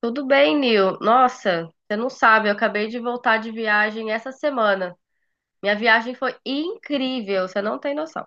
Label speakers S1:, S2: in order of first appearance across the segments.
S1: Tudo bem, Nil? Nossa, você não sabe, eu acabei de voltar de viagem essa semana. Minha viagem foi incrível, você não tem noção.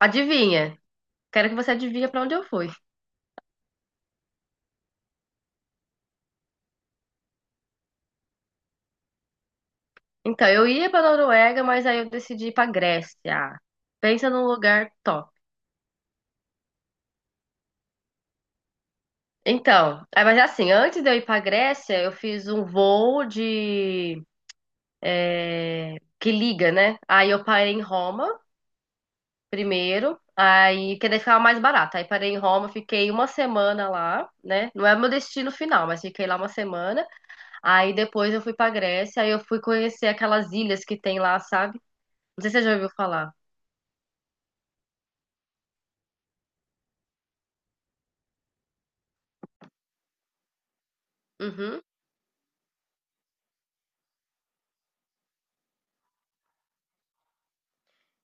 S1: Adivinha? Quero que você adivinhe para onde eu fui. Então, eu ia para Noruega, mas aí eu decidi ir para Grécia. Pensa num lugar top. Então, mas é assim, antes de eu ir para Grécia, eu fiz um voo de que liga, né? Aí eu parei em Roma primeiro, aí que daí ficava mais barato. Aí parei em Roma, fiquei uma semana lá, né? Não é meu destino final, mas fiquei lá uma semana. Aí depois eu fui pra Grécia, aí eu fui conhecer aquelas ilhas que tem lá, sabe? Não sei se você já ouviu falar. Uhum.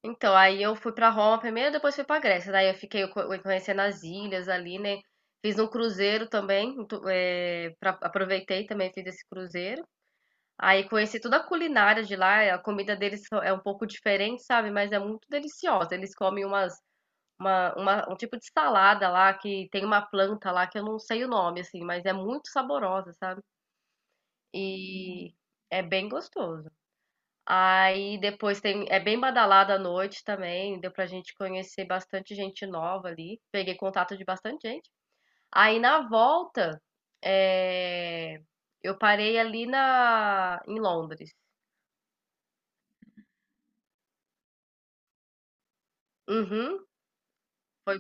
S1: Então, aí eu fui pra Roma primeiro, depois fui pra Grécia. Daí eu fiquei conhecendo as ilhas ali, né? Fiz um cruzeiro também, aproveitei também, fiz esse cruzeiro. Aí conheci toda a culinária de lá, a comida deles é um pouco diferente, sabe? Mas é muito deliciosa. Eles comem um tipo de salada lá, que tem uma planta lá que eu não sei o nome, assim, mas é muito saborosa, sabe? E é bem gostoso. Aí depois tem, é bem badalada à noite também, deu pra gente conhecer bastante gente nova ali. Peguei contato de bastante gente. Aí na volta, é, eu parei ali em Londres. Uhum. Foi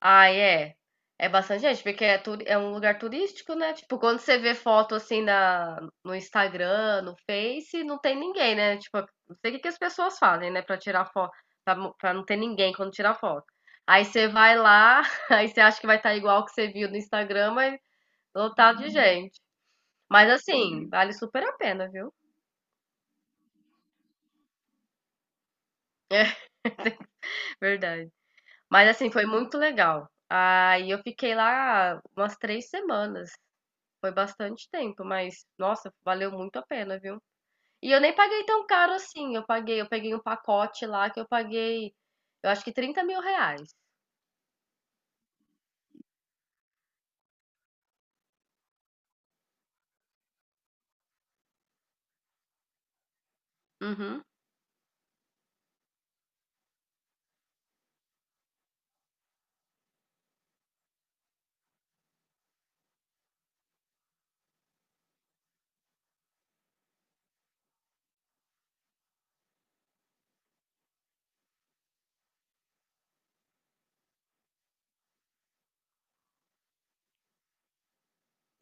S1: Ah é. É bastante gente, porque é um lugar turístico, né? Tipo, quando você vê foto assim no Instagram, no Face, não tem ninguém, né? Tipo, não sei o que que as pessoas fazem, né? Pra tirar foto, pra não ter ninguém quando tirar foto. Aí você vai lá, aí você acha que vai estar igual o que você viu no Instagram, mas lotado de gente. Mas assim, vale super a pena, viu? Verdade. Mas assim, foi muito legal. Aí eu fiquei lá umas 3 semanas. Foi bastante tempo, mas nossa, valeu muito a pena, viu? E eu nem paguei tão caro assim. Eu peguei um pacote lá que eu paguei, eu acho que 30.000 reais. Uhum.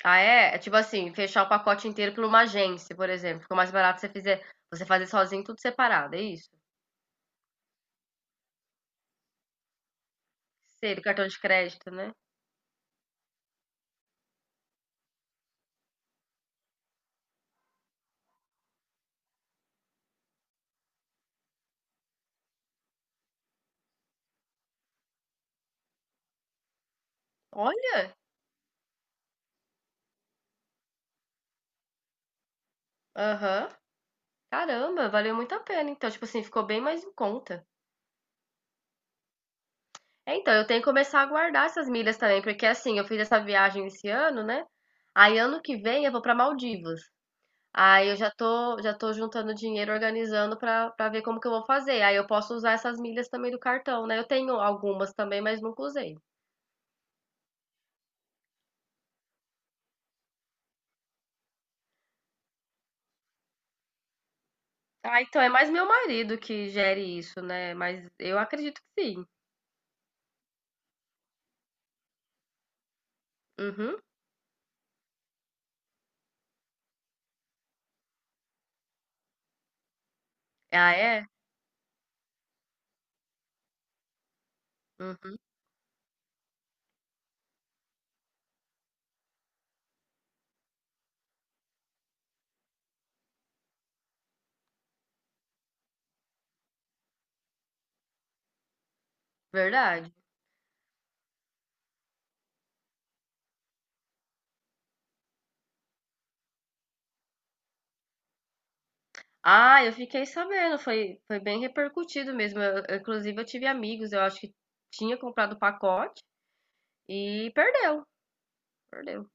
S1: Ah, é? É tipo assim, fechar o pacote inteiro por uma agência, por exemplo. Ficou mais barato você fazer sozinho tudo separado, é isso? Sei, do cartão de crédito, né? Olha! Aham. Caramba, valeu muito a pena. Então, tipo assim, ficou bem mais em conta. É, então, eu tenho que começar a guardar essas milhas também, porque assim, eu fiz essa viagem esse ano, né? Aí ano que vem eu vou para Maldivas. Aí eu já tô juntando dinheiro, organizando para ver como que eu vou fazer. Aí eu posso usar essas milhas também do cartão, né? Eu tenho algumas também, mas nunca usei. Ah, então é mais meu marido que gere isso, né? Mas eu acredito que sim. Uhum. Ah, é? Uhum. Verdade. Ah, eu fiquei sabendo, foi bem repercutido mesmo. Inclusive, eu tive amigos, eu acho que tinha comprado o pacote. E perdeu, perdeu.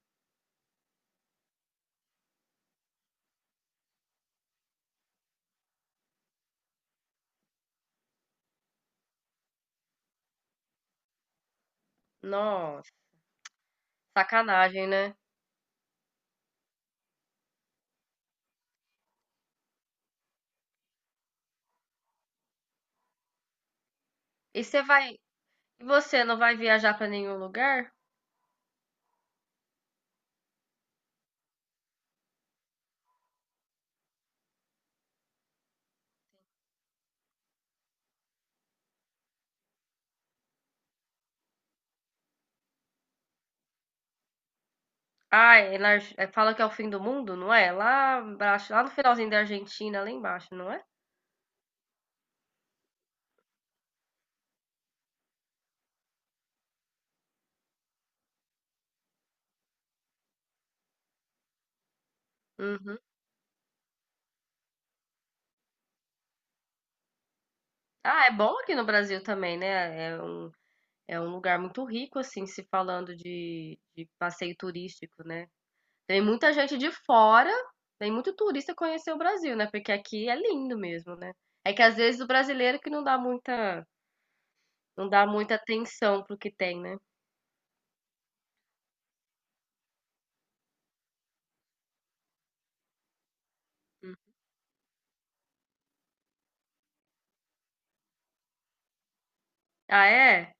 S1: Nossa, sacanagem, né? E você vai, e você não vai viajar pra nenhum lugar? Ah, fala que é o fim do mundo, não é? Lá embaixo, lá no finalzinho da Argentina, lá embaixo, não é? Uhum. Ah, é bom aqui no Brasil também, né? É um, é um lugar muito rico, assim, se falando de passeio turístico, né? Tem muita gente de fora, tem muito turista conhecer o Brasil, né? Porque aqui é lindo mesmo, né? É que às vezes o brasileiro que não dá muita atenção pro que tem, né. Hum. Ah, é?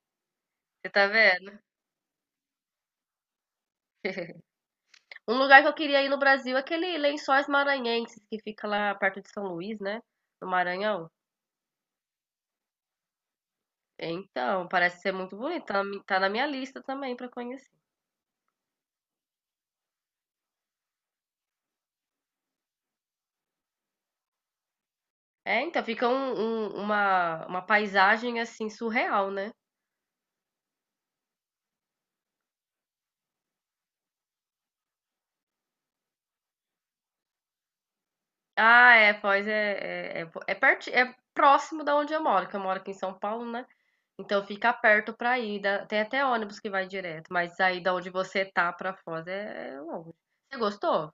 S1: Você tá vendo? Um lugar que eu queria ir no Brasil é aquele Lençóis Maranhenses, que fica lá perto de São Luís, né, no Maranhão. Então, parece ser muito bonito, tá na minha lista também pra conhecer. É, então, fica uma paisagem, assim, surreal, né. Ah, é, pois é é é é perti é próximo da onde eu moro, que eu moro aqui em São Paulo, né. Então fica perto pra ir, dá tem até ônibus que vai direto, mas aí da onde você tá pra Foz é longe. Você gostou?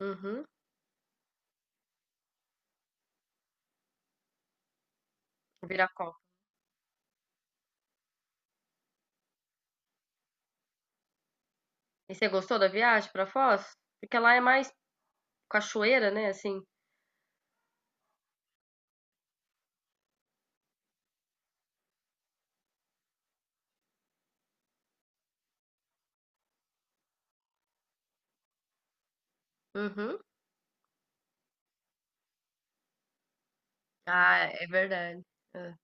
S1: Uhum, Viracopos. E você gostou da viagem pra Foz? Porque lá é mais cachoeira, né, assim. Uhum. Ah, é verdade. É.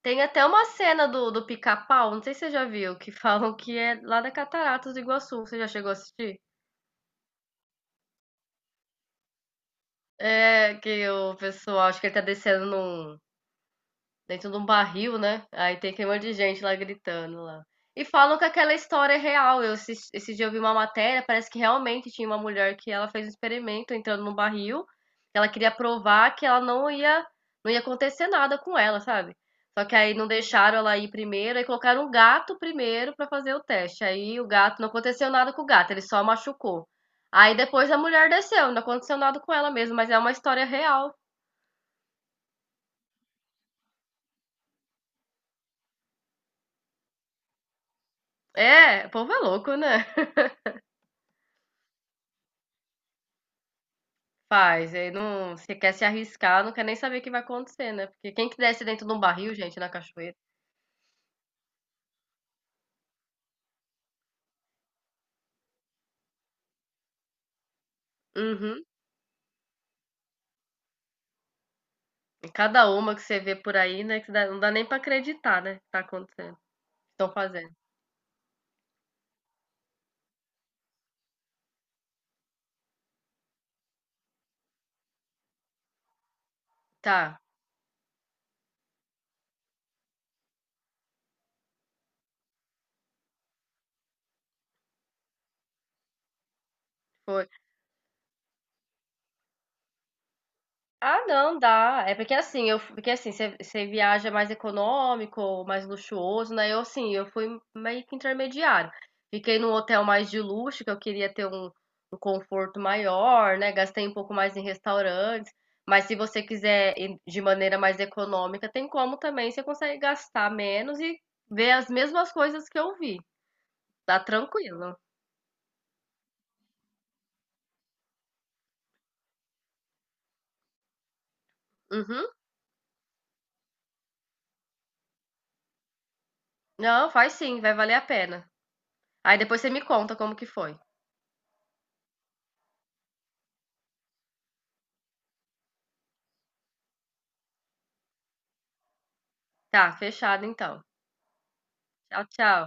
S1: Tem até uma cena do Pica-Pau, não sei se você já viu, que falam que é lá da Cataratas do Iguaçu. Você já chegou a assistir? É, que o pessoal, acho que ele tá descendo num, dentro de um barril, né? Aí tem aquele monte de gente lá gritando lá. E falam que aquela história é real. Esse dia eu vi uma matéria, parece que realmente tinha uma mulher que ela fez um experimento entrando num barril. Ela queria provar que ela não ia acontecer nada com ela, sabe? Só que aí não deixaram ela ir primeiro, aí colocaram um gato primeiro pra fazer o teste. Aí o gato, não aconteceu nada com o gato, ele só machucou. Aí depois a mulher desceu, não aconteceu nada com ela mesmo, mas é uma história real. É, o povo é louco, né? Faz, aí não, você quer se arriscar, não quer nem saber o que vai acontecer, né? Porque quem que desce dentro de um barril, gente, na cachoeira? Uhum. E cada uma que você vê por aí, né? Que não dá nem pra acreditar, né? Que tá acontecendo, que estão fazendo. Tá, foi. Ah, não, dá. É porque assim, porque assim, você viaja mais econômico, mais luxuoso, né? Eu assim, eu fui meio que intermediário. Fiquei num hotel mais de luxo, que eu queria ter um conforto maior, né? Gastei um pouco mais em restaurantes. Mas se você quiser ir de maneira mais econômica, tem como também, você consegue gastar menos e ver as mesmas coisas que eu vi. Tá tranquilo. Uhum. Não, faz sim, vai valer a pena. Aí depois você me conta como que foi. Tá, fechado então. Tchau, tchau.